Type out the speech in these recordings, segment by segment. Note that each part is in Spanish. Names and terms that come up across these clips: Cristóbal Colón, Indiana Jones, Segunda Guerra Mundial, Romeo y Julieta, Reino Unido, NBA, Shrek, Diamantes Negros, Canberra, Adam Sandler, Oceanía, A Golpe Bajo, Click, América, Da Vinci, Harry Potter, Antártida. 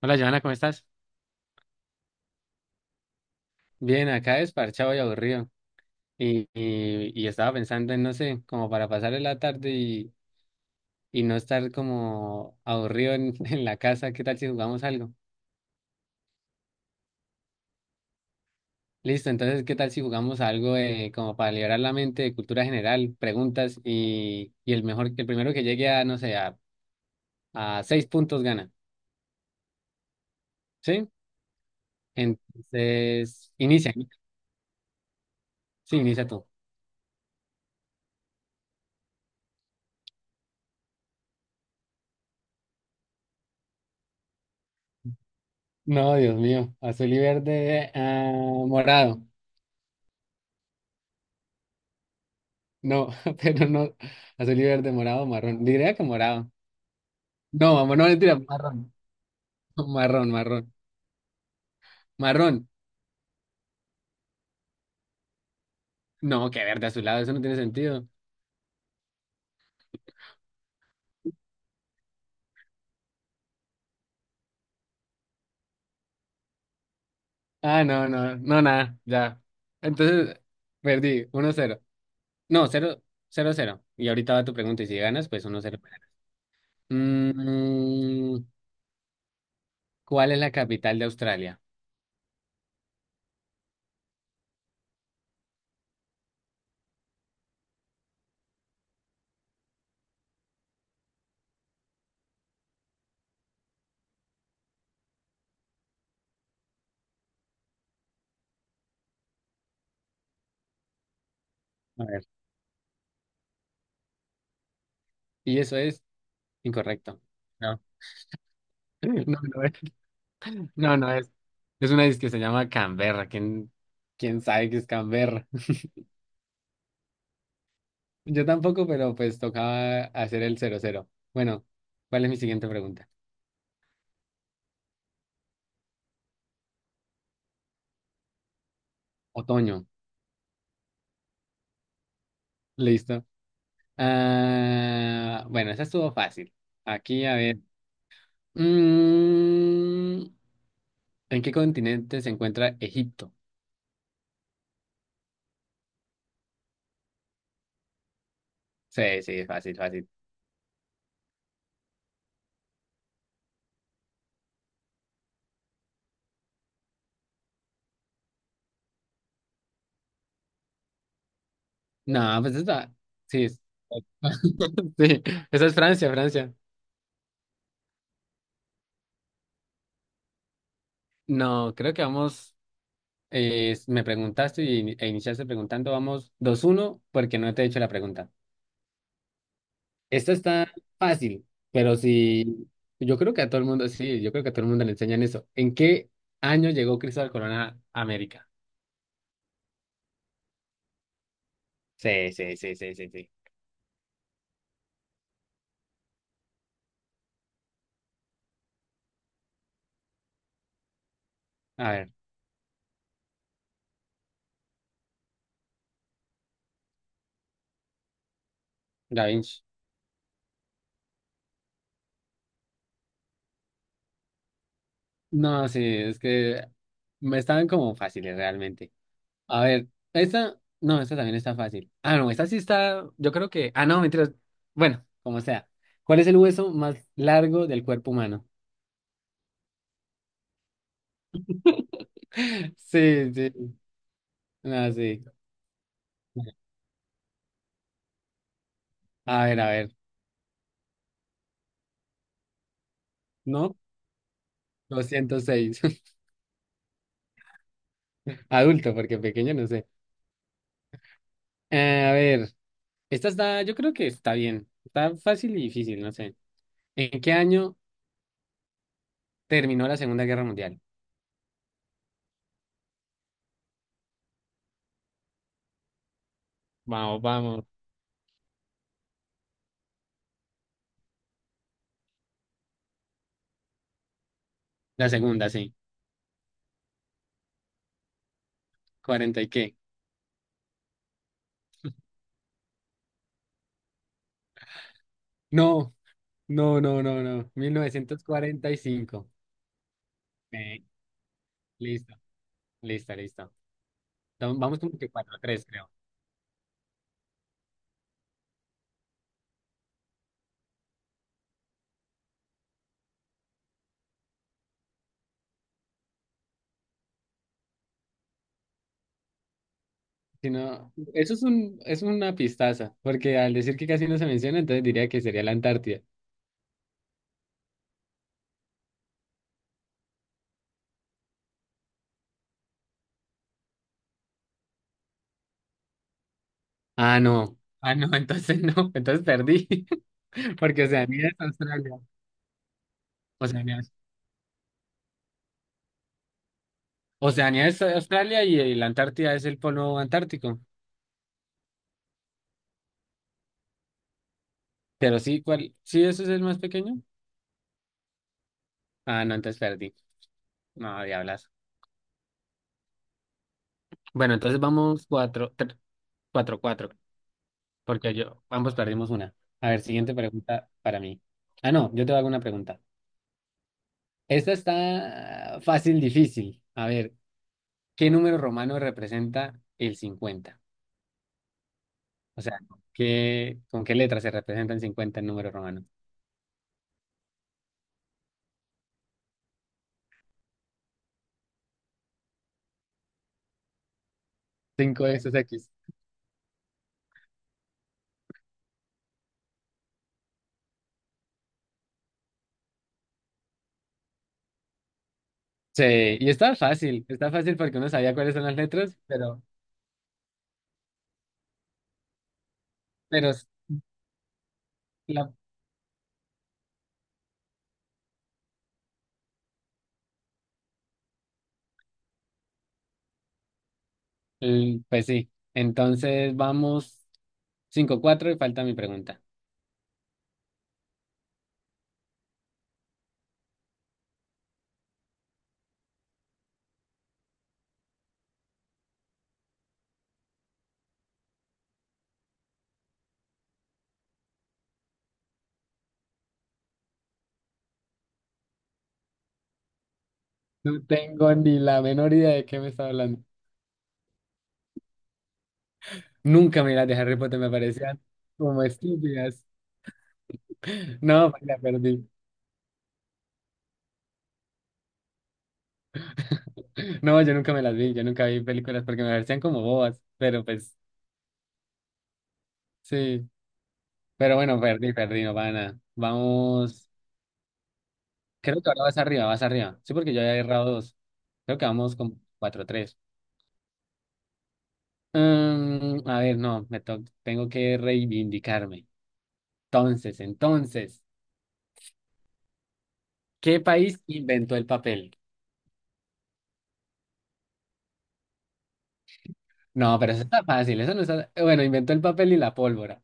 Hola, Joana, ¿cómo estás? Bien, acá desparchado y aburrido. Y estaba pensando en, no sé, como para pasar la tarde y no estar como aburrido en, en la casa, ¿qué tal si jugamos algo? Listo, entonces, ¿qué tal si jugamos algo como para liberar la mente de cultura general, preguntas y el mejor, el primero que llegue a, no sé, a seis puntos gana, ¿sí? Entonces, inicia, ¿no? Sí, inicia tú. No, Dios mío, azul y verde, morado. No, pero no. Azul y verde, morado, marrón. Diría que morado. No, vamos, no, mentira, marrón. Marrón, marrón. Marrón. No, que verde azulado, eso no tiene sentido. Ah, no, no, no, nada, ya. Entonces, perdí, 1-0. No, 0-0-0. Y ahorita va tu pregunta, y si ganas, pues 1-0. Mm, ¿Cuál es la capital de Australia? A ver. Y eso es incorrecto. No, no, no es. No, no es. Es una disque que se llama Canberra. ¿Quién sabe qué es Canberra? Yo tampoco, pero pues tocaba hacer el 0-0. Bueno, ¿cuál es mi siguiente pregunta? Otoño. Listo. Ah, bueno, esa estuvo fácil. Aquí, a ver. Mm, ¿En qué continente se encuentra Egipto? Sí, sí, fácil, fácil. No, pues esta. Sí, sí, esa es Francia, Francia. No, creo que vamos. Me preguntaste y, e iniciaste preguntando, vamos 2-1 porque no te he hecho la pregunta. Esta está fácil, pero si yo creo que a todo el mundo, sí, yo creo que a todo el mundo le enseñan eso. ¿En qué año llegó Cristóbal Colón a América? Sí, sí, sí, sí, sí, sí. A ver, Da Vinci. No, sí, es que me estaban como fáciles realmente. A ver, esta, no, esta también está fácil. Ah, no, esta sí está, yo creo que, ah, no, mentiras. Bueno, como sea. ¿Cuál es el hueso más largo del cuerpo humano? Sí, sí, no, sí. A ver, no, 206. Adulto, porque pequeño no sé. A ver, esta está, yo creo que está bien. Está fácil y difícil, no sé. ¿En qué año terminó la Segunda Guerra Mundial? Vamos, vamos. La segunda, sí. ¿40 y qué? No, no, no, no, no. 1945. Eh, listo, listo, listo. Entonces, vamos como que 4-3 creo. Si no, eso es una pistaza, porque al decir que casi no se menciona, entonces diría que sería la Antártida. Ah, no. Ah, no, entonces no. Entonces perdí. Porque Oceanía es Australia. Oceanía es, Oceanía es Australia y la Antártida es el polo antártico. Pero sí, ¿cuál? ¿Sí, eso es el más pequeño? Ah, no, entonces perdí. No, diablas. Bueno, entonces vamos cuatro, 4-4. Porque yo, ambos perdimos una. A ver, siguiente pregunta para mí. Ah, no, yo te hago una pregunta. Esta está fácil, difícil. A ver, ¿qué número romano representa el 50? O sea, ¿con qué letras se representan 50 en número romano? Cinco de X. Sí, y está fácil porque uno sabía cuáles son las letras, pero, pero s- la- pues sí. Entonces vamos 5-4 y falta mi pregunta. No tengo ni la menor idea de qué me está hablando. Nunca me las de Harry Potter me parecían como estúpidas. No, pues, la perdí. No, yo nunca me las vi, yo nunca vi películas porque me parecían como bobas, pero pues sí. Pero bueno, perdí, perdí, no pasa nada. Vamos. Creo que ahora vas arriba, vas arriba. Sí, porque yo había he errado dos. Creo que vamos con 4-3. A ver, no, tengo que reivindicarme. Entonces, ¿qué país inventó el papel? No, pero eso está fácil, eso no está. Bueno, inventó el papel y la pólvora.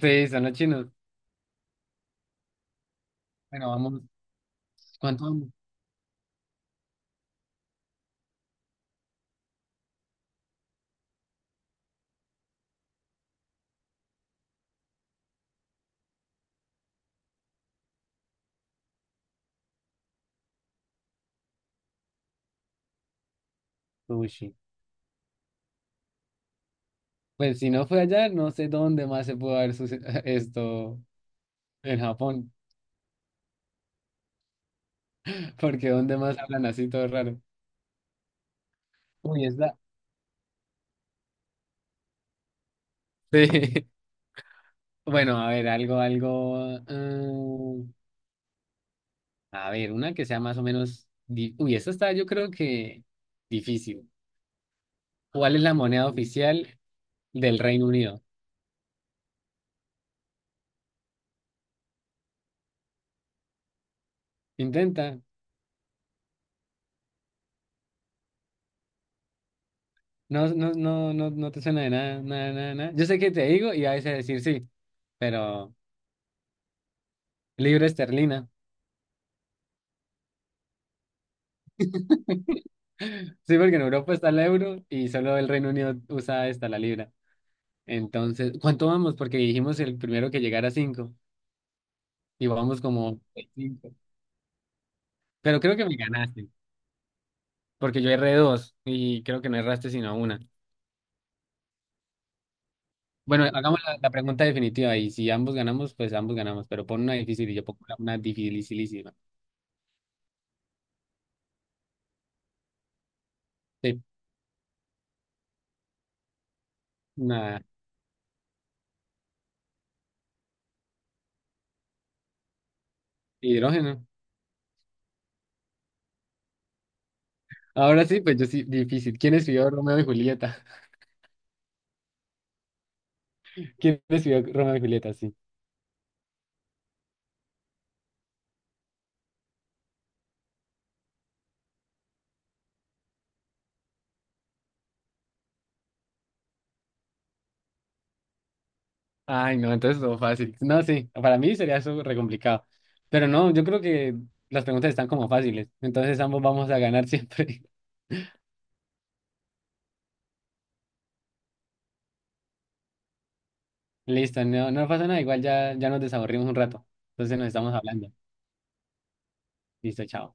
Sí, son los chinos. Bueno, vamos. ¿Cuánto vamos? Sushi. Pues si no fue allá, no sé dónde más se pudo haber esto en Japón, porque dónde más hablan así todo raro. Uy, es la... Sí. Bueno, a ver, algo, algo, a ver, una que sea más o menos uy, esta está yo creo que difícil. ¿Cuál es la moneda oficial del Reino Unido? Intenta. No, no, no, no, no te suena de nada, nada, nada, nada. Yo sé que te digo y a veces decir sí, pero libra esterlina. Sí, porque en Europa está el euro y solo el Reino Unido usa esta, la libra. Entonces, ¿cuánto vamos? Porque dijimos el primero que llegara a cinco y vamos como... cinco. Pero creo que me ganaste, porque yo erré dos y creo que no erraste sino una. Bueno, hagamos la pregunta definitiva y si ambos ganamos, pues ambos ganamos, pero pon una difícil y yo pongo una dificilísima. Sí, una hidrógeno. Ahora sí, pues yo sí, difícil. ¿Quién escribió Romeo y Julieta? ¿Quién escribió Romeo y Julieta? Sí. Ay, no, entonces todo fácil. No, sí, para mí sería eso re complicado. Pero no, yo creo que las preguntas están como fáciles, entonces ambos vamos a ganar siempre. Listo, no, no pasa nada, igual ya, ya nos desaburrimos un rato, entonces nos estamos hablando. Listo, chao.